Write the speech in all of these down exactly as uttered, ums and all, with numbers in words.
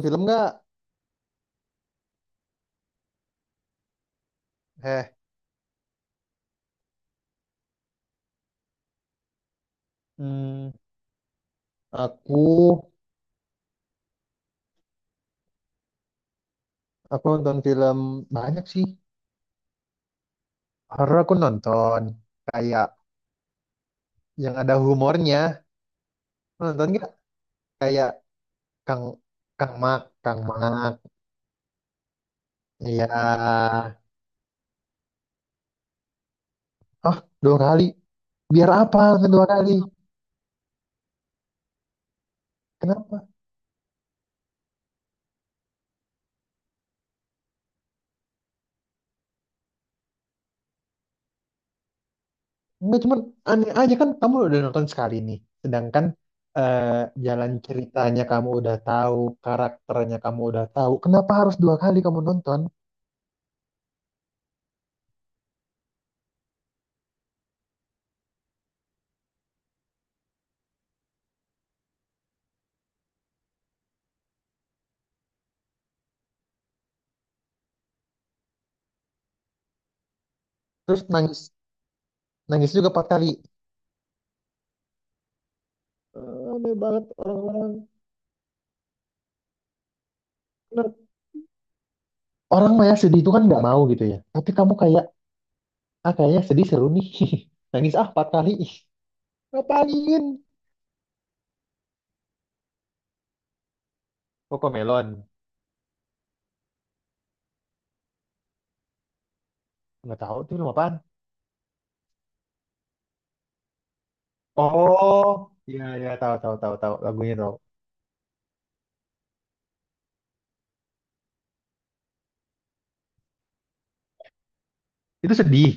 Film nggak? Eh, Hmm, aku aku nonton film banyak sih. Horor aku nonton. Kayak yang ada humornya. Nonton nggak? Kayak Kang Kang Mak, Kang Mak. Iya. Oh, dua kali. Biar apa nonton dua kali? Kenapa? Enggak, cuman aneh aja kan kamu udah nonton sekali nih. Sedangkan eh, jalan ceritanya kamu udah tahu, karakternya kamu udah tahu. Kenapa harus dua kali kamu nonton? Terus nangis nangis juga empat kali. Aneh banget orang-orang nerd. Orang mah ya sedih itu kan nggak mau gitu ya. Tapi kamu kayak, ah kayaknya sedih seru nih. Nangis ah empat kali. Ih, ngapain? Koko Melon. Nggak tahu itu film apaan. Oh, iya iya tahu tahu tahu tahu lagunya tahu. Itu sedih.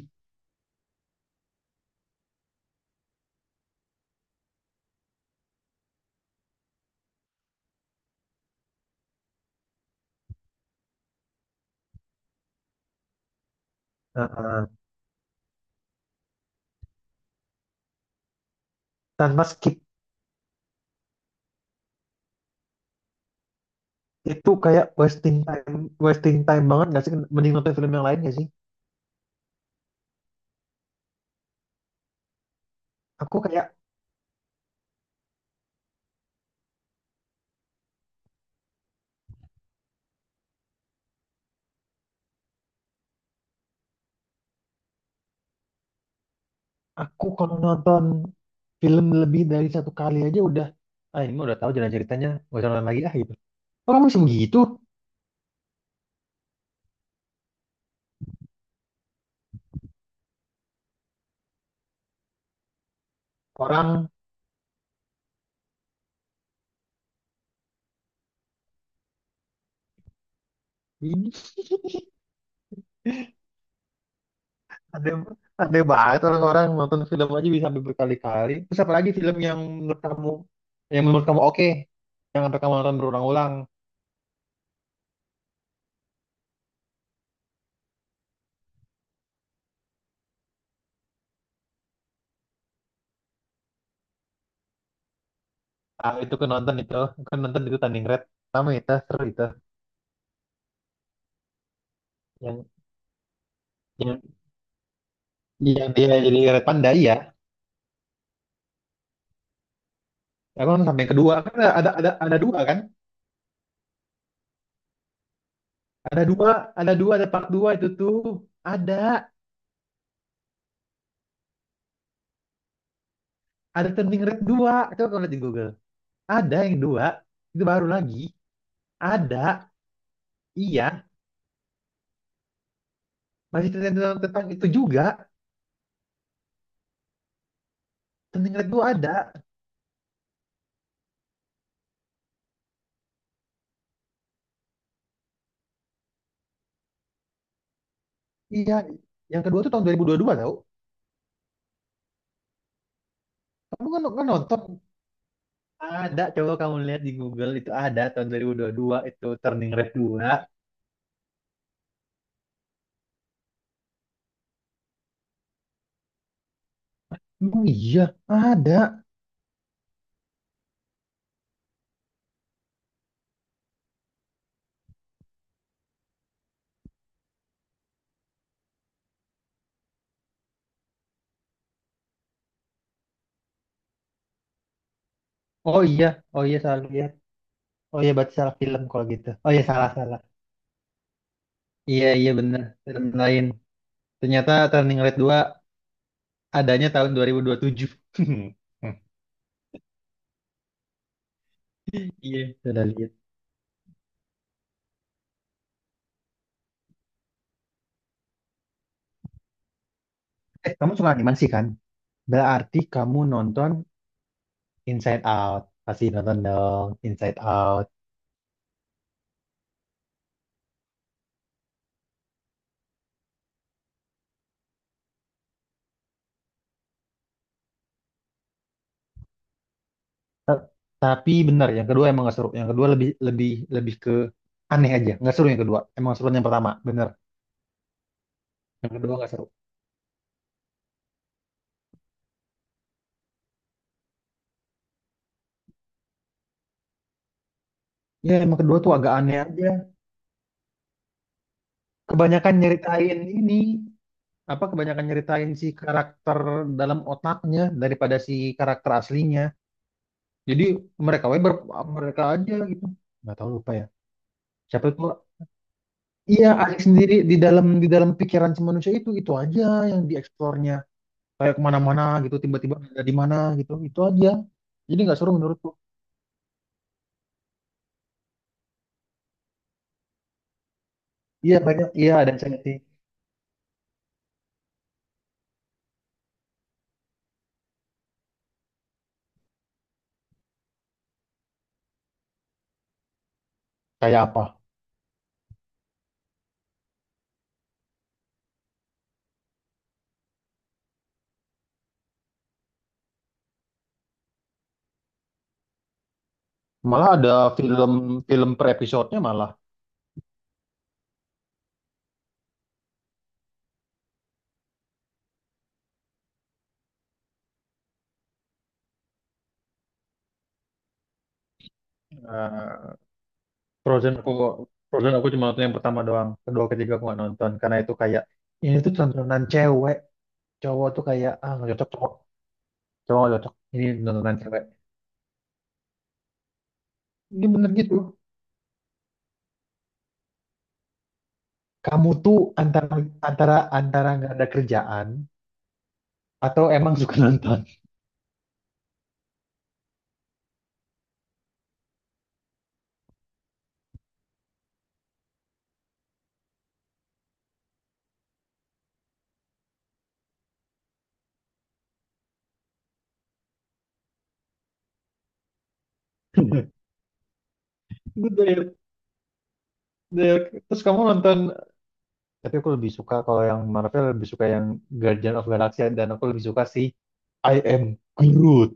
Heeh. Tanpa skip itu kayak wasting time, wasting time banget nggak sih? Mending nonton film yang lain nggak sih? Aku kayak aku kalau nonton film lebih dari satu kali aja udah, ah ini mah udah tahu jalan ceritanya, nggak usah nonton lagi ah gitu. Orang masih begitu. Orang ini ada ada banget, orang-orang nonton film aja bisa sampai berkali-kali. Terus apalagi film yang menurut kamu, yang menurut kamu oke, yang sampai kamu nonton berulang-ulang. Ah, itu kan nonton itu, kan nonton itu tanding red. Pertama itu seru itu yang yang yang dia jadi red panda ya. Aku nonton sampai yang kedua kan ada ada ada dua kan? Ada dua, ada dua, ada part dua itu tuh. Ada ada tanding red dua. Coba kamu lihat di Google. Ada yang dua itu baru lagi. Ada, iya. Masih tentang, tentang itu juga. Turning Red dua ada, iya. Yang kedua tuh tahun dua ribu dua puluh dua tau kamu, kan, kan nonton, ada coba kamu lihat di Google, itu ada tahun dua ribu dua puluh dua itu Turning Red dua. Oh iya ada. Oh iya, oh iya salah lihat. Oh iya berarti salah film kalau gitu. Oh iya, salah salah. Iya, iya benar film lain. Ternyata Turning Red dua adanya tahun dua ribu dua puluh tujuh. Iya sudah lihat. eh kamu suka animasi kan, berarti kamu nonton Inside Out, pasti nonton dong Inside Out. Tapi bener yang kedua emang gak seru, yang kedua lebih lebih lebih ke aneh aja. Nggak seru yang kedua, emang seru yang pertama bener. Yang kedua nggak seru. Ya emang kedua tuh agak aneh aja. Kebanyakan nyeritain ini, apa, kebanyakan nyeritain si karakter dalam otaknya daripada si karakter aslinya. Jadi mereka we ber- mereka aja gitu. Nggak tahu, lupa ya siapa itu. Iya, Alex sendiri di dalam, di dalam pikiran si manusia itu itu aja yang dieksplornya. Kayak kemana-mana gitu, tiba-tiba ada di mana gitu, itu aja. Jadi nggak seru menurutku. Iya banyak, iya ada insentif. Kayak apa, malah ada film film per episodenya malah. Eh, Frozen aku Frozen aku cuma nonton yang pertama doang, kedua ketiga aku nggak nonton karena itu kayak ini tuh tontonan cewek. Cowok tuh kayak ah nggak cocok cowok, cowok nggak cocok, ini tontonan cewek. Ini bener gitu? Kamu tuh antara, antara antara nggak ada kerjaan atau emang suka nonton. Gue dari- terus kamu nonton. Tapi aku lebih suka kalau yang Marvel, lebih suka yang Guardian of Galaxy, dan aku lebih suka si I Am Groot.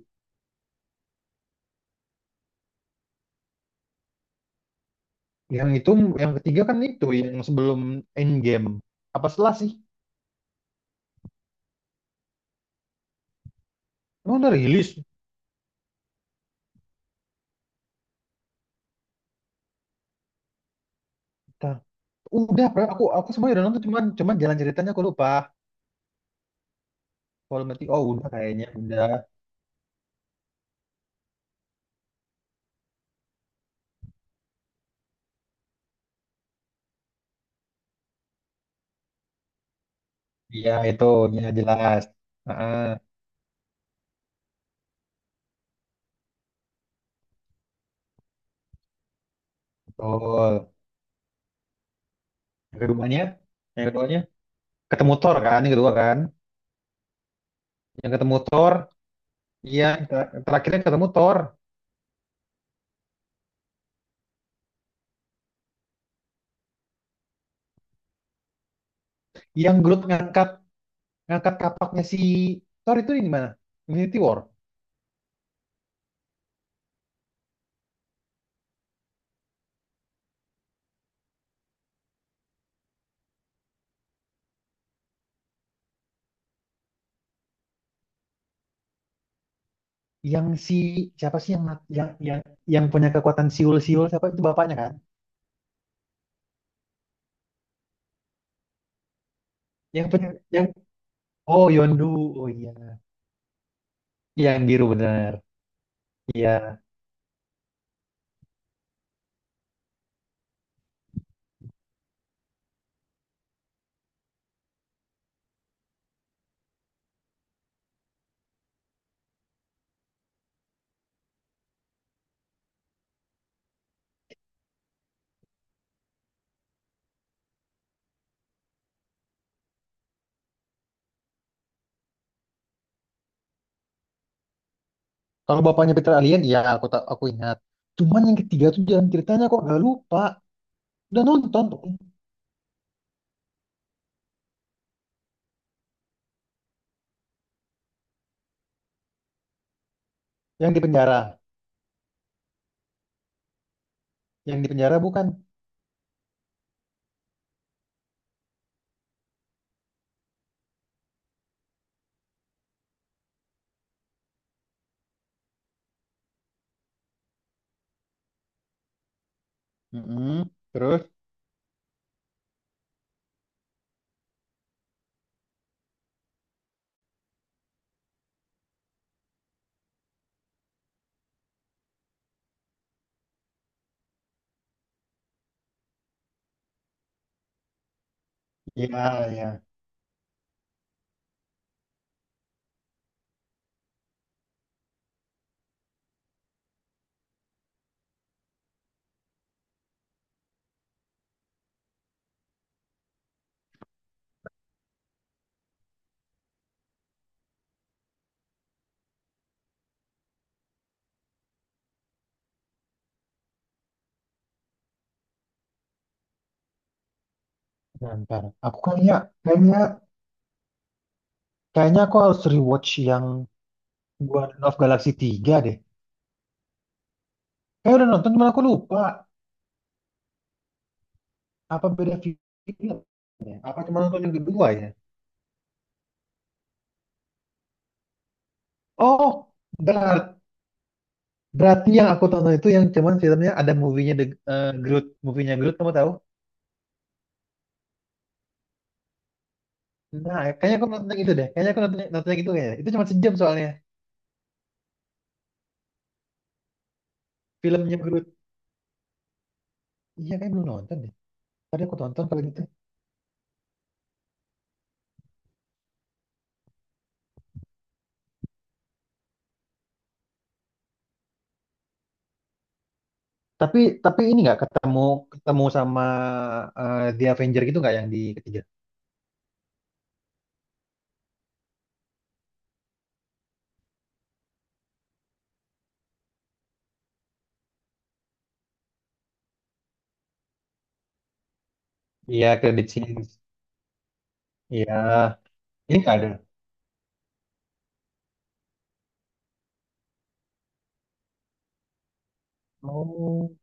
Yang itu yang ketiga kan itu yang sebelum Endgame. Apa setelah sih? Emang udah rilis? Bentar. Udah, Pra. aku aku semuanya udah nonton, cuman cuman jalan ceritanya aku lupa. Kalau mati oh udah kayaknya udah. Iya itu ya jelas. Heeh, betul. Yang keduanya, yang keduanya ketemu Thor kan, yang kedua kan. Yang ketemu Thor, iya ter- terakhirnya ketemu Thor. Yang Groot ngangkat ngangkat kapaknya si Thor itu di mana? Infinity War. Yang si siapa sih yang mat- yang yang yang punya kekuatan siul-siul, siapa itu bapaknya kan? Yang punya yang oh Yondu. Oh iya. Iya, yang biru benar. Iya. Kalau bapaknya Peter alien iya aku, tak aku ingat. Cuman yang ketiga tuh jalan ceritanya kok gak lupa. Udah nonton tuh. Yang di penjara. Yang di penjara bukan? Mm-mm. Terus? Iya, iya. Bentar, bentar. Aku kayaknya kayaknya kayaknya aku harus rewatch yang Guardian of Galaxy tiga deh. Saya udah nonton cuma aku lupa apa beda filmnya. Apa cuma nonton yang kedua ya? Oh, berat- berarti yang aku tonton itu yang cuman filmnya ada movie-nya The eh, Groot, movie-nya Groot kamu tahu? Nah, kayaknya aku nonton yang itu deh. Kayaknya aku nonton, nonton yang itu kayaknya. Itu cuma sejam soalnya filmnya Groot. Iya, kayak belum nonton deh. Tadi aku tonton kalau gitu. Tapi tapi ini nggak ketemu ketemu sama eh, The Avenger gitu nggak, yang di ketiga? Iya, credit scenes. Iya, ini nggak ada. Oh.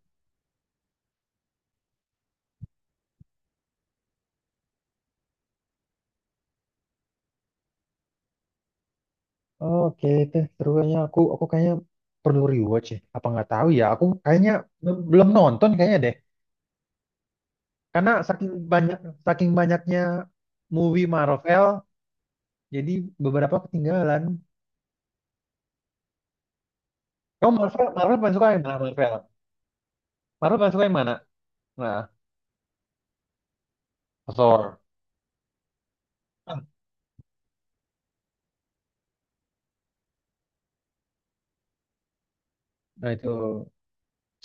Oh oke, itu seru kayaknya. Aku aku kayaknya perlu rewatch ya. Apa nggak tahu ya? Aku kayaknya be- belum nonton kayaknya deh. Karena saking banyak saking banyaknya movie Marvel, jadi beberapa ketinggalan. Kamu Marvel, Marvel paling suka yang mana Marvel? Marvel paling suka yang mana? Nah, Thor. Ah, nah itu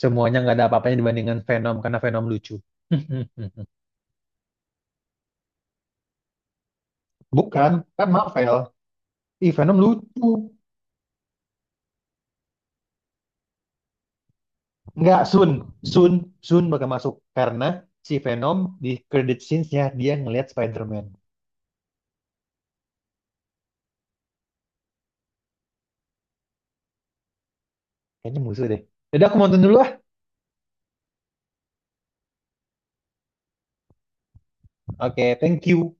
semuanya nggak ada apa-apanya dibandingkan Venom karena Venom lucu. Bukan, kan Marvel. Ih, Venom lucu. Nggak, Sun. Sun, Sun bakal masuk. Karena si Venom di credit scenes-nya dia ngelihat Spider-Man. Kayaknya musuh deh. Jadi aku mau nonton dulu ah. Oke, thank you.